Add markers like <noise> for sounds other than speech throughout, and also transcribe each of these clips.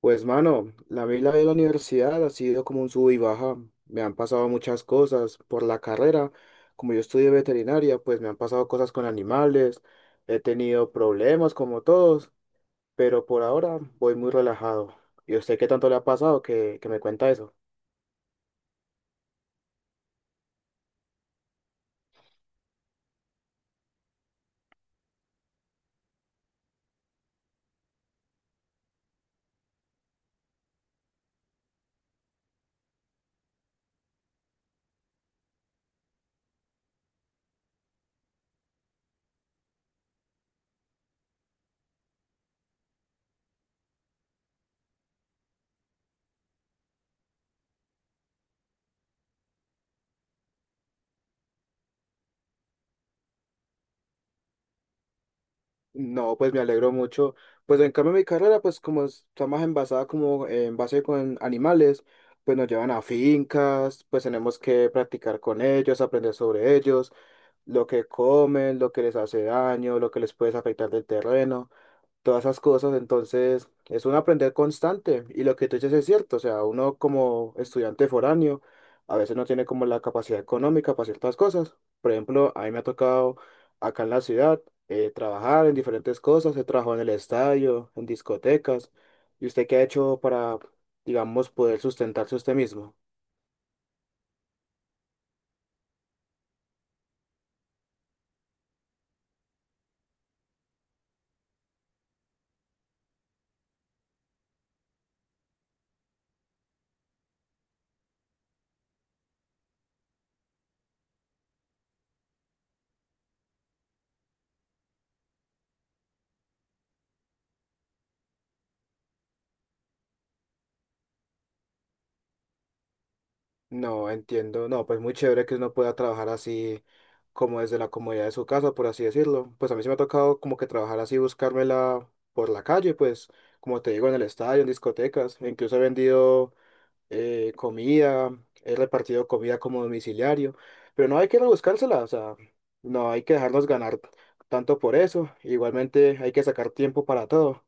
Pues mano, la vida de la universidad ha sido como un sub y baja. Me han pasado muchas cosas por la carrera. Como yo estudié veterinaria, pues me han pasado cosas con animales. He tenido problemas como todos, pero por ahora voy muy relajado. ¿Y a usted qué tanto le ha pasado que me cuenta eso? No, pues me alegro mucho. Pues en cambio mi carrera, pues está más envasada como en base con animales, pues nos llevan a fincas, pues tenemos que practicar con ellos, aprender sobre ellos, lo que comen, lo que les hace daño, lo que les puede afectar del terreno, todas esas cosas. Entonces, es un aprender constante. Y lo que tú dices es cierto, o sea, uno como estudiante foráneo a veces no tiene como la capacidad económica para ciertas cosas. Por ejemplo, a mí me ha tocado acá en la ciudad trabajar en diferentes cosas. He trabajado en el estadio, en discotecas. ¿Y usted qué ha hecho para, digamos, poder sustentarse usted mismo? No, entiendo. No, pues muy chévere que uno pueda trabajar así como desde la comodidad de su casa, por así decirlo. Pues a mí sí me ha tocado como que trabajar así, buscármela por la calle, pues como te digo, en el estadio, en discotecas. Incluso he vendido comida, he repartido comida como domiciliario. Pero no hay que rebuscársela, o sea, no hay que dejarnos ganar tanto por eso. Igualmente hay que sacar tiempo para todo.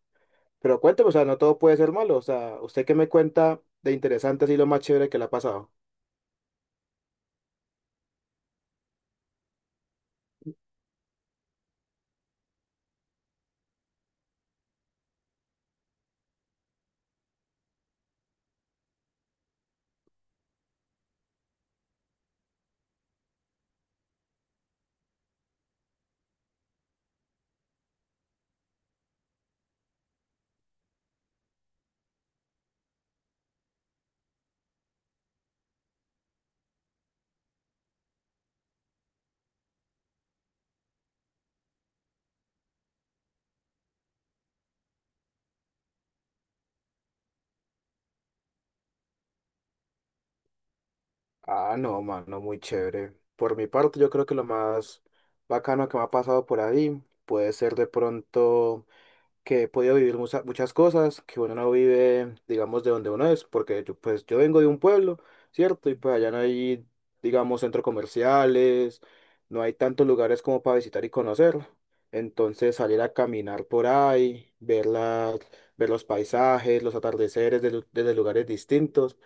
Pero cuéntame, o sea, no todo puede ser malo. O sea, ¿usted qué me cuenta de interesante así lo más chévere que le ha pasado? Ah, no, mano, muy chévere. Por mi parte, yo creo que lo más bacano que me ha pasado por ahí puede ser de pronto que he podido vivir muchas cosas que uno no vive, digamos, de donde uno es, porque yo, pues yo vengo de un pueblo, ¿cierto? Y pues allá no hay, digamos, centros comerciales, no hay tantos lugares como para visitar y conocer. Entonces salir a caminar por ahí, ver ver los paisajes, los atardeceres desde lugares distintos.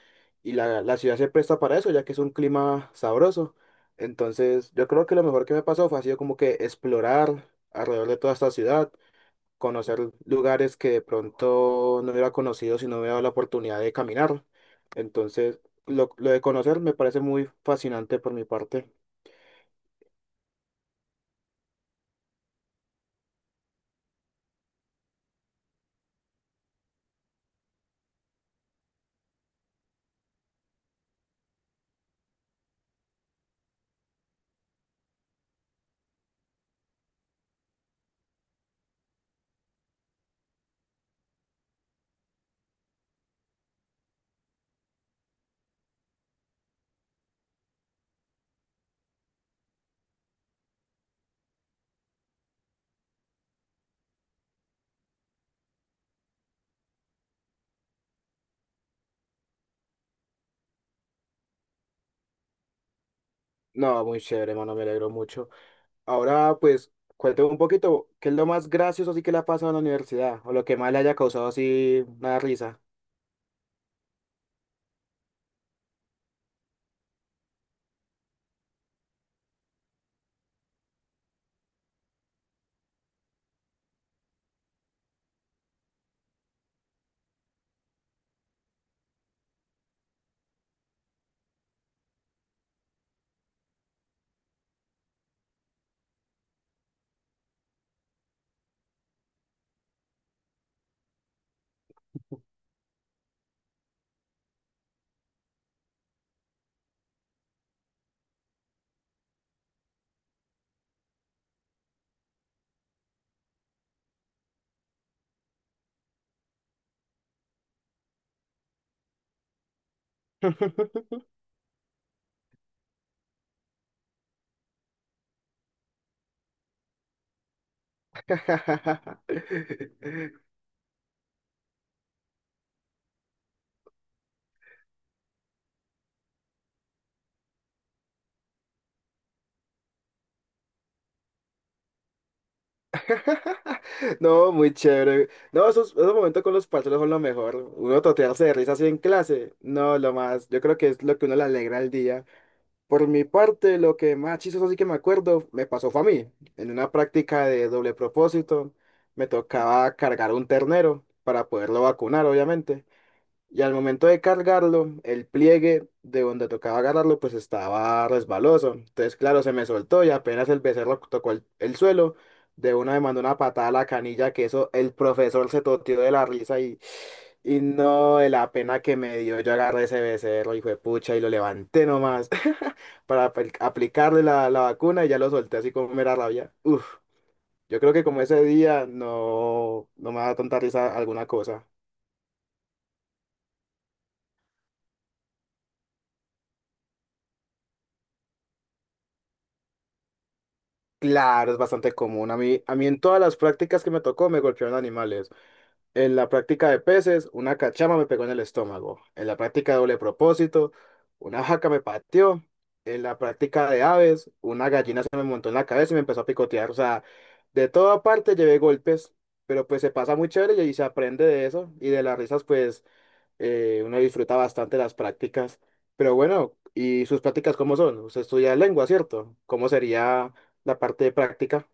Y la ciudad se presta para eso, ya que es un clima sabroso. Entonces, yo creo que lo mejor que me ha pasado fue ha sido como que explorar alrededor de toda esta ciudad, conocer lugares que de pronto no hubiera conocido si no hubiera dado la oportunidad de caminar. Entonces, lo de conocer me parece muy fascinante por mi parte. No, muy chévere, mano, me alegro mucho. Ahora, pues, cuéntame un poquito, ¿qué es lo más gracioso así que le ha pasado en la universidad? O lo que más le haya causado así una risa. <laughs> No, muy chévere. No, esos momentos con los parceros son lo mejor. Uno totearse de risa así en clase. No, lo más. Yo creo que es lo que uno le alegra el día. Por mi parte, lo que más chistoso así que me acuerdo, me pasó fue a mí. En una práctica de doble propósito, me tocaba cargar un ternero para poderlo vacunar, obviamente. Y al momento de cargarlo, el pliegue de donde tocaba agarrarlo, pues estaba resbaloso. Entonces, claro, se me soltó y apenas el becerro tocó el suelo, de una me mandó una patada a la canilla, que eso el profesor se toteó de la risa y no de la pena que me dio. Yo agarré ese becerro, hijo de pucha, y lo levanté nomás <laughs> para aplicarle la vacuna y ya lo solté así como mera rabia. Uf, yo creo que como ese día no, no me da tanta risa alguna cosa. Claro, es bastante común. A mí en todas las prácticas que me tocó me golpearon animales. En la práctica de peces, una cachama me pegó en el estómago. En la práctica de doble propósito, una jaca me pateó. En la práctica de aves, una gallina se me montó en la cabeza y me empezó a picotear. O sea, de toda parte llevé golpes, pero pues se pasa muy chévere y ahí se aprende de eso. Y de las risas, pues uno disfruta bastante las prácticas, pero bueno, ¿y sus prácticas cómo son? Usted estudia lengua, ¿cierto? ¿Cómo sería la parte de práctica?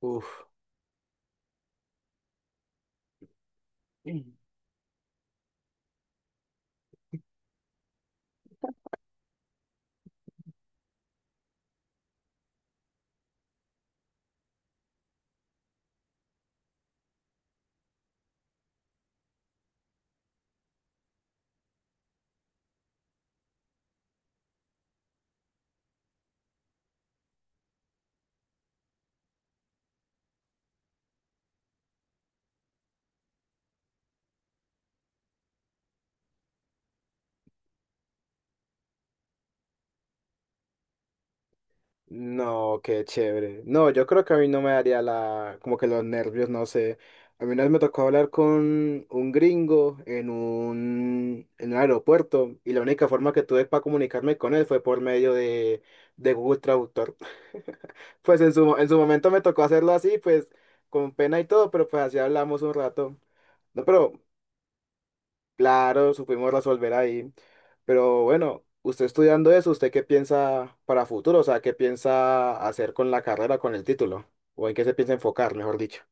Uf. No, qué chévere. No, yo creo que a mí no me daría la, como que los nervios, no sé. A mí una vez me tocó hablar con un gringo en un aeropuerto y la única forma que tuve para comunicarme con él fue por medio de Google Traductor. <laughs> Pues en su momento me tocó hacerlo así, pues con pena y todo, pero pues así hablamos un rato. No, pero claro, supimos resolver ahí. Pero bueno, usted estudiando eso, ¿usted qué piensa para futuro? O sea, ¿qué piensa hacer con la carrera, con el título? ¿O en qué se piensa enfocar, mejor dicho?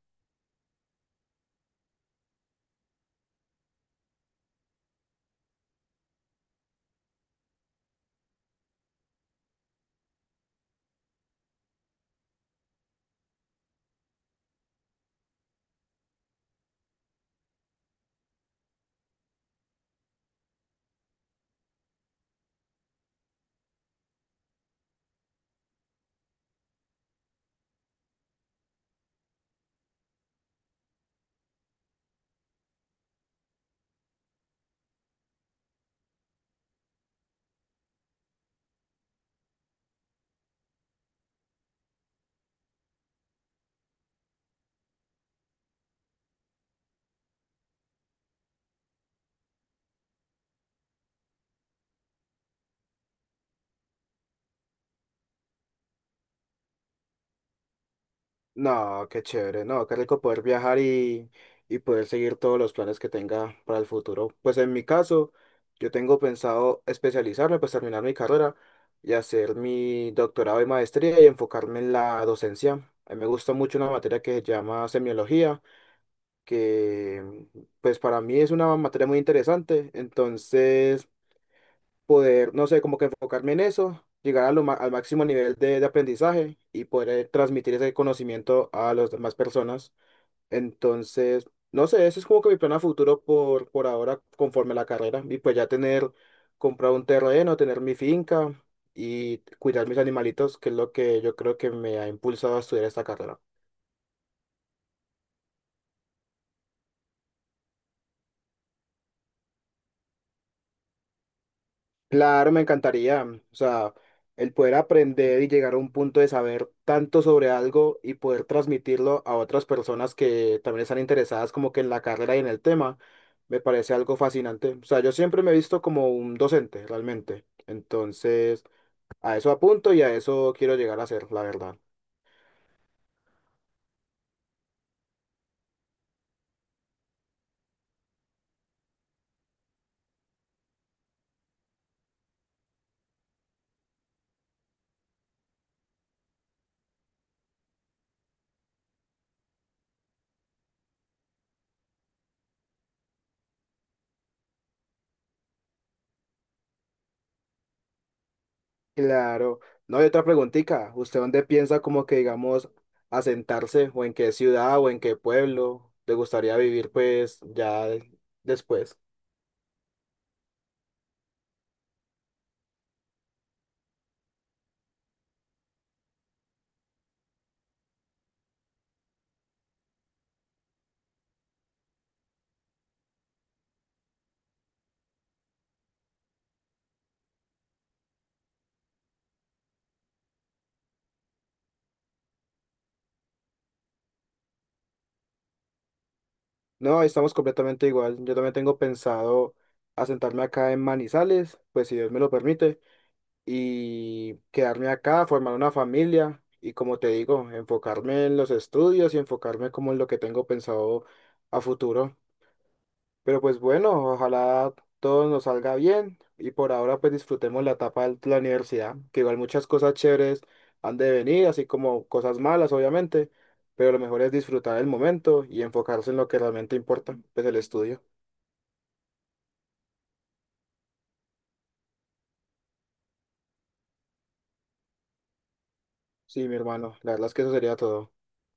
No, qué chévere, no, qué rico poder viajar y poder seguir todos los planes que tenga para el futuro. Pues en mi caso, yo tengo pensado especializarme, pues terminar mi carrera y hacer mi doctorado y maestría y enfocarme en la docencia. A mí me gusta mucho una materia que se llama semiología que pues para mí es una materia muy interesante, entonces poder, no sé, como que enfocarme en eso, llegar a al máximo nivel de aprendizaje y poder transmitir ese conocimiento a las demás personas. Entonces, no sé, ese es como que mi plan a futuro por ahora conforme a la carrera y pues ya tener, comprar un terreno, tener mi finca y cuidar mis animalitos, que es lo que yo creo que me ha impulsado a estudiar esta carrera. Claro, me encantaría. Mm, o sea, el poder aprender y llegar a un punto de saber tanto sobre algo y poder transmitirlo a otras personas que también están interesadas como que en la carrera y en el tema, me parece algo fascinante. O sea, yo siempre me he visto como un docente, realmente. Entonces, a eso apunto y a eso quiero llegar a ser, la verdad. Claro. No hay otra preguntita. ¿Usted dónde piensa como que, digamos, asentarse o en qué ciudad o en qué pueblo le gustaría vivir pues ya después? No, estamos completamente igual. Yo también tengo pensado asentarme acá en Manizales, pues si Dios me lo permite, y quedarme acá, formar una familia y como te digo, enfocarme en los estudios y enfocarme como en lo que tengo pensado a futuro. Pero pues bueno, ojalá todo nos salga bien y por ahora pues disfrutemos la etapa de la universidad, que igual muchas cosas chéveres han de venir, así como cosas malas obviamente, pero lo mejor es disfrutar el momento y enfocarse en lo que realmente importa, pues el estudio. Sí, mi hermano, la verdad es que eso sería todo.